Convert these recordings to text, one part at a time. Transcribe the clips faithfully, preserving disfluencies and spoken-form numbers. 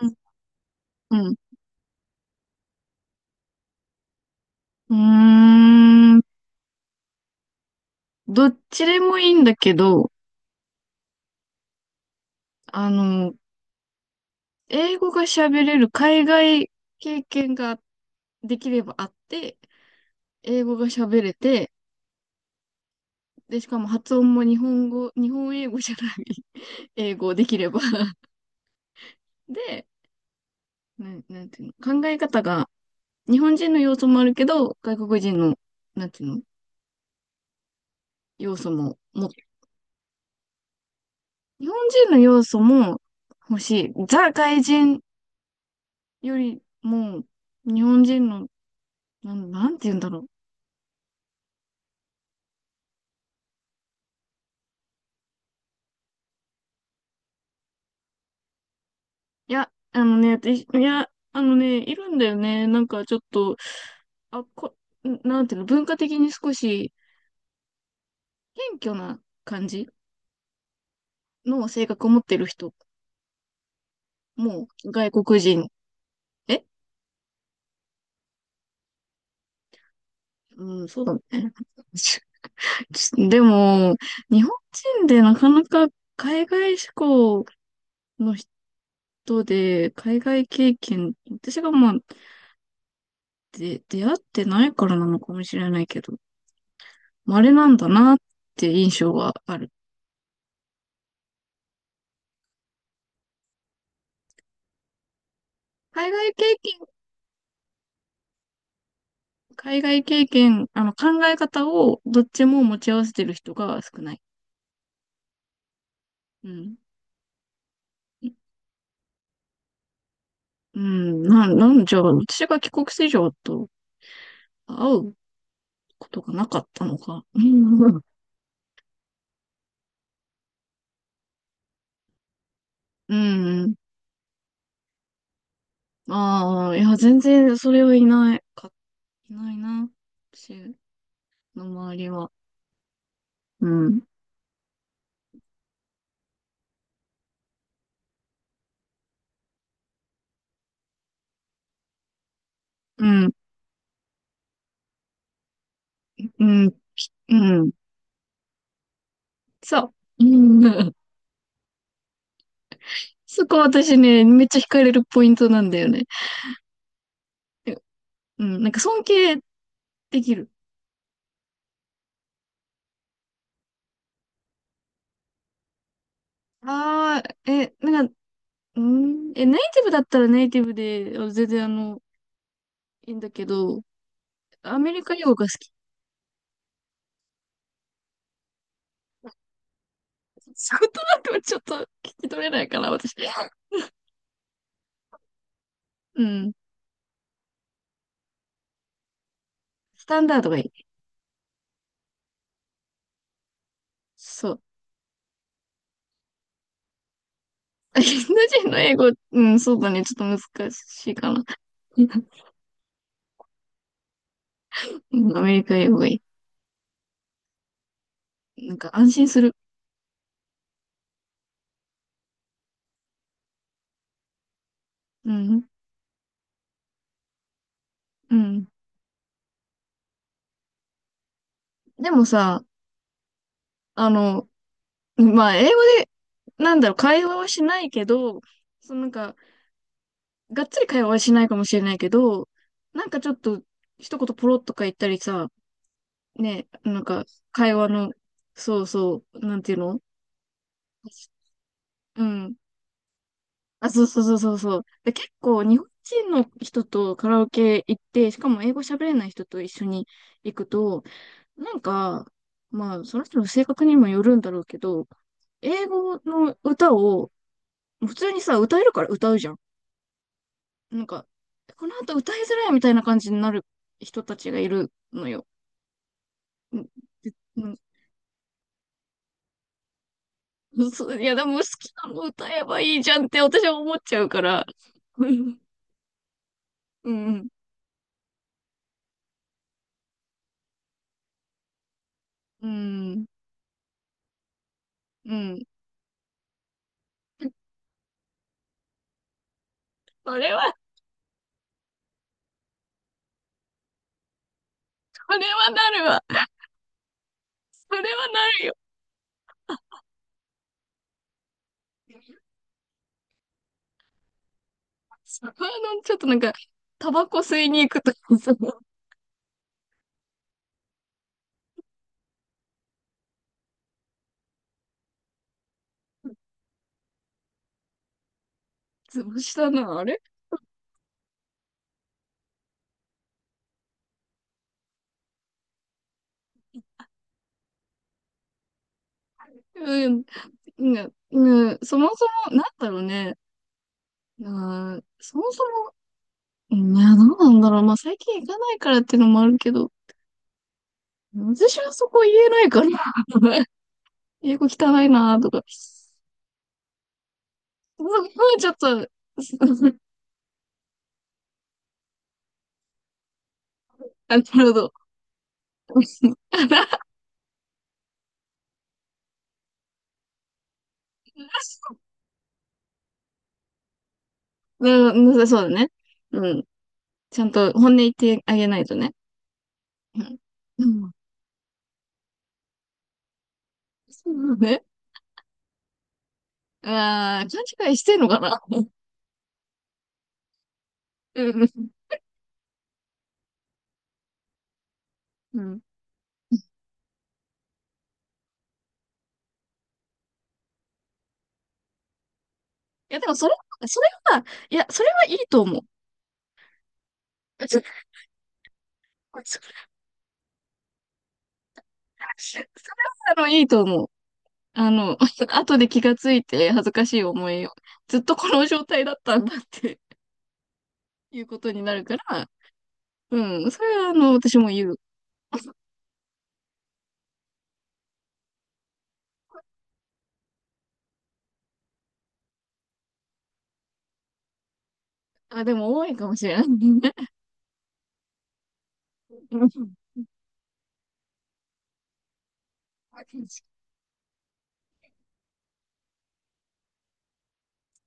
うん。うん、うーん。どっちでもいいんだけど、あの、英語が喋れる海外経験ができればあって、英語が喋れて、で、しかも発音も日本語、日本英語じゃない 英語できれば で、なん、なんていうの、考え方が、日本人の要素もあるけど、外国人の、なんていうの、要素も、も、日本人の要素も欲しい。ザ外人よりも、日本人のなん、なんて言うんだろう。いや、あのね、いいや、あのね、いるんだよね。なんかちょっと、あ、こ、んなんていうの、文化的に少し謙虚な感じの性格を持ってる人も外国人。えうん、そうだね。ちちでも、日本人でなかなか海外志向の人で、海外経験、私がまあ、で、出会ってないからなのかもしれないけど、稀なんだなって印象はある。海外経験、海外経験、あの、考え方をどっちも持ち合わせてる人が少ない。うん。うん、な、なんじゃ、私が帰国子女と会うことがなかったのか。うん。うん。ああ、いや、全然それはいないか、いないな。私の周りは。うん。うん。うん。うん。そう。うん。そこ私ね、めっちゃ惹かれるポイントなんだよね。うん。なんか尊敬できる。ああ、え、なんか、うーん、え、ネイティブだったらネイティブで、あ全然あの、いいんだけど、アメリカ英語が好き。仕事なんかはちょっと聞き取れないから、私。うん。スタンダードがいい。そう。インド人の英語、うん、そうだね。ちょっと難しいかな。うん。アメリカ英語がいい。なんか安心する。うん。うん。でもさ、あの、まあ、英語で、なんだろう、会話はしないけど、そのなんか、がっつり会話はしないかもしれないけど、なんかちょっと、一言ポロッとか言ったりさ、ね、なんか、会話の、そうそう、なんていうの。うん。あ、そうそうそうそうそう。で、結構、日本人の人とカラオケ行って、しかも英語喋れない人と一緒に行くと、なんか、まあ、その人の性格にもよるんだろうけど、英語の歌を、普通にさ、歌えるから歌うじゃん。なんか、この後歌いづらいみたいな感じになる人たちがいるのよ。うん、うん、うん、そういや、でも好きなの歌えばいいじゃんって私は思っちゃうから。うん、うん、うん、うん。それは、それはなるわ。それはなるよ。そあの、ちょっとなんか、タバコ吸いに行くとかさ、つぶしたな、あれ。うん、うん、うん。そもそも、なんだろうね。うそもそも、うん、いや、どうなんだろう。まあ、最近行かないからっていうのもあるけど、私はそこ言えないから。英語汚いなーとか。そこはちょっと、なるほど。うん、そうだね。うん。ちゃんと本音言ってあげないとね。うん。うん、そうだね。ああ、勘違いしてんのかな。うん。うん。いや、でもそれ、それは、いや、それはいいと思う。それは、あの、いいと思う。あの、後で気がついて恥ずかしい思いを、ずっとこの状態だったんだっていうことになるから、うん、それはあの、私も言う。あ、でも多いかもしれない。うん、そ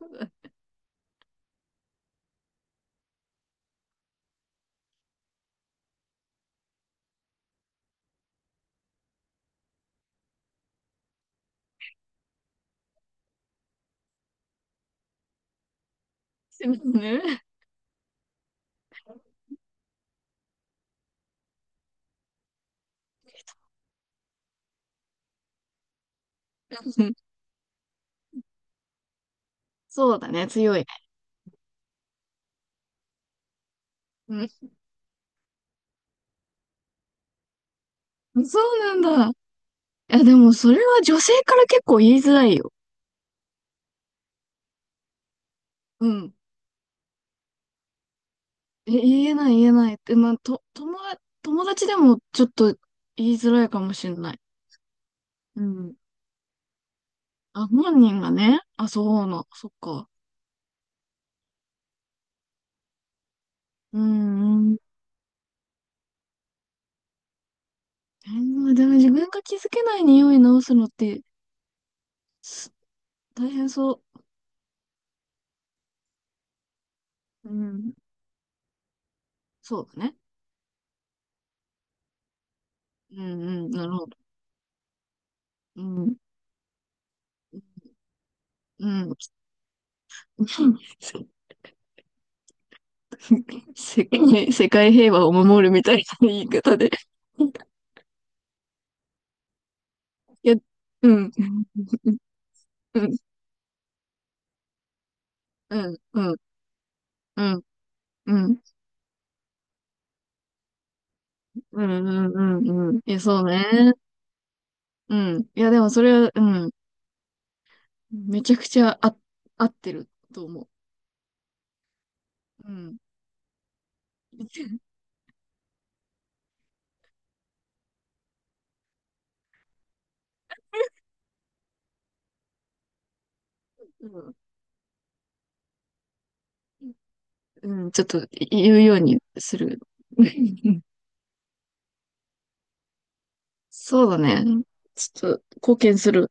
うだ、すみませんね。うん、そうだね、強いね。うん、そうなんだ。いや、でもそれは女性から結構言いづらいよ。うん。え、言えない言えないって、まあ、と、友達、友達でもちょっと言いづらいかもしれない。うん。あ、本人がね。あ、そうな、そっか。うん、うん。えーでも自分が気づけない匂い直すのって、す大変そう。うん。そうだね。うん、うん、なるほど。うん。うん。世界、世界平和を守るみたいな言い方で。いや、うん。うん。うん。うん。うん。うん。うん。うん。うん、うん、いや、そうね。うん。いや、でもそれは、うん。めちゃくちゃあ、合ってると思う。うん。うん。うん、ちょっと言うようにする。そうだね。ちょっと貢献する。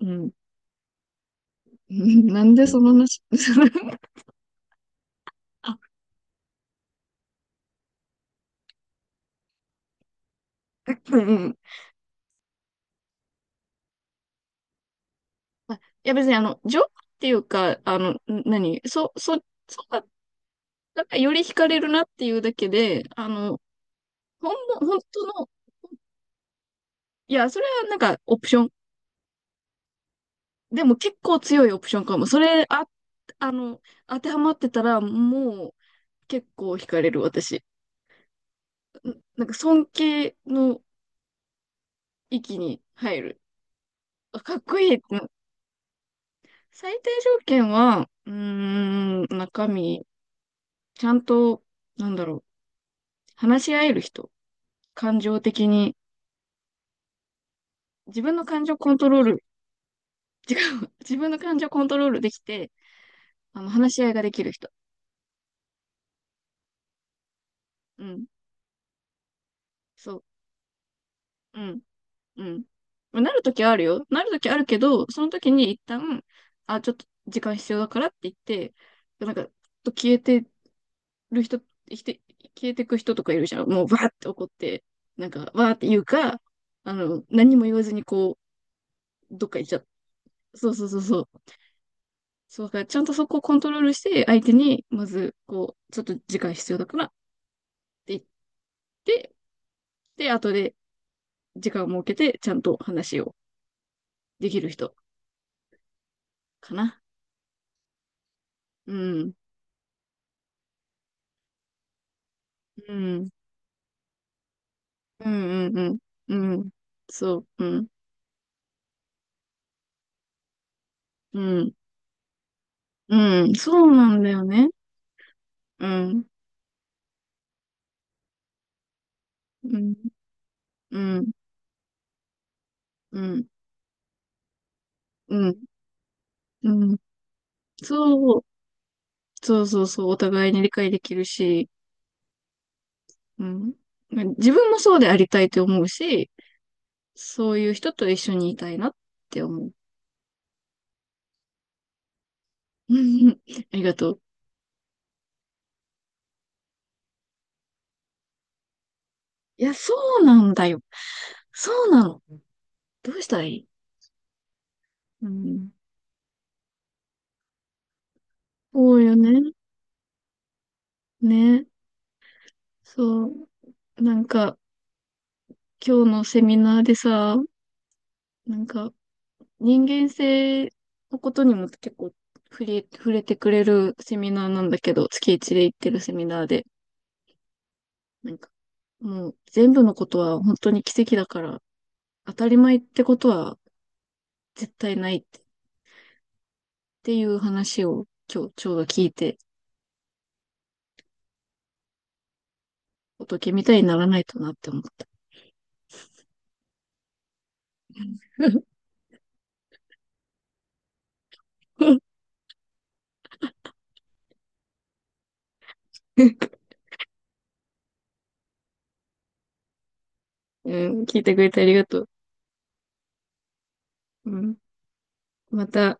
うん。うん。 なんでその話、あ、うん、うん。あ、いや、別にあの、情報っていうか、あの、ん何、そ、そ、そうだ、なんかより惹かれるなっていうだけで、あの、ほんの、本当の、いや、それはなんかオプション。でも結構強いオプションかも。それ、あ、あの、当てはまってたら、もう結構惹かれる私。んなんか尊敬の域に入る。あ、かっこいい。うん、最低条件は、うーん、中身。ちゃんと、なんだろう、話し合える人、感情的に、自分の感情コントロール、違う、自分の感情コントロールできて、あの、話し合いができる人。うん、そう、うん、うん。まあなるときあるよ。なるときあるけど、そのときに一旦、あ、ちょっと時間必要だからって言って、なんか、ちょっと消えてる人、生きて、消えてく人とかいるじゃん。もう、わーって怒って、なんか、わーって言うか、あの、何も言わずにこう、どっか行っちゃう。そうそうそうそう。そうだ、ちゃんとそこをコントロールして、相手に、まず、こう、ちょっと時間必要だからって言って、で、後で時間を設けて、ちゃんと話をできる人かな。うん、うん、うん、うん、うん、うん、そう、うん、うん、うん、そうなんだよね。うん、うん、うん、うん、うん、うん、そう、そうそうそう、お互いに理解できるし、うん、自分もそうでありたいと思うし、そういう人と一緒にいたいなって思う。うん、ありがとう。いや、そうなんだよ。そうなの。どうしたらいい。うん。そうよね。ね。そう。なんか、今日のセミナーでさ、なんか、人間性のことにも結構触れ、触れてくれるセミナーなんだけど、つきいちで行ってるセミナーで、なんか、もう全部のことは本当に奇跡だから、当たり前ってことは絶対ないってっていう話を今日ちょうど聞いて、仏みたいにならないとなって思った。うん、聞いてくれてありがとう。うん、また、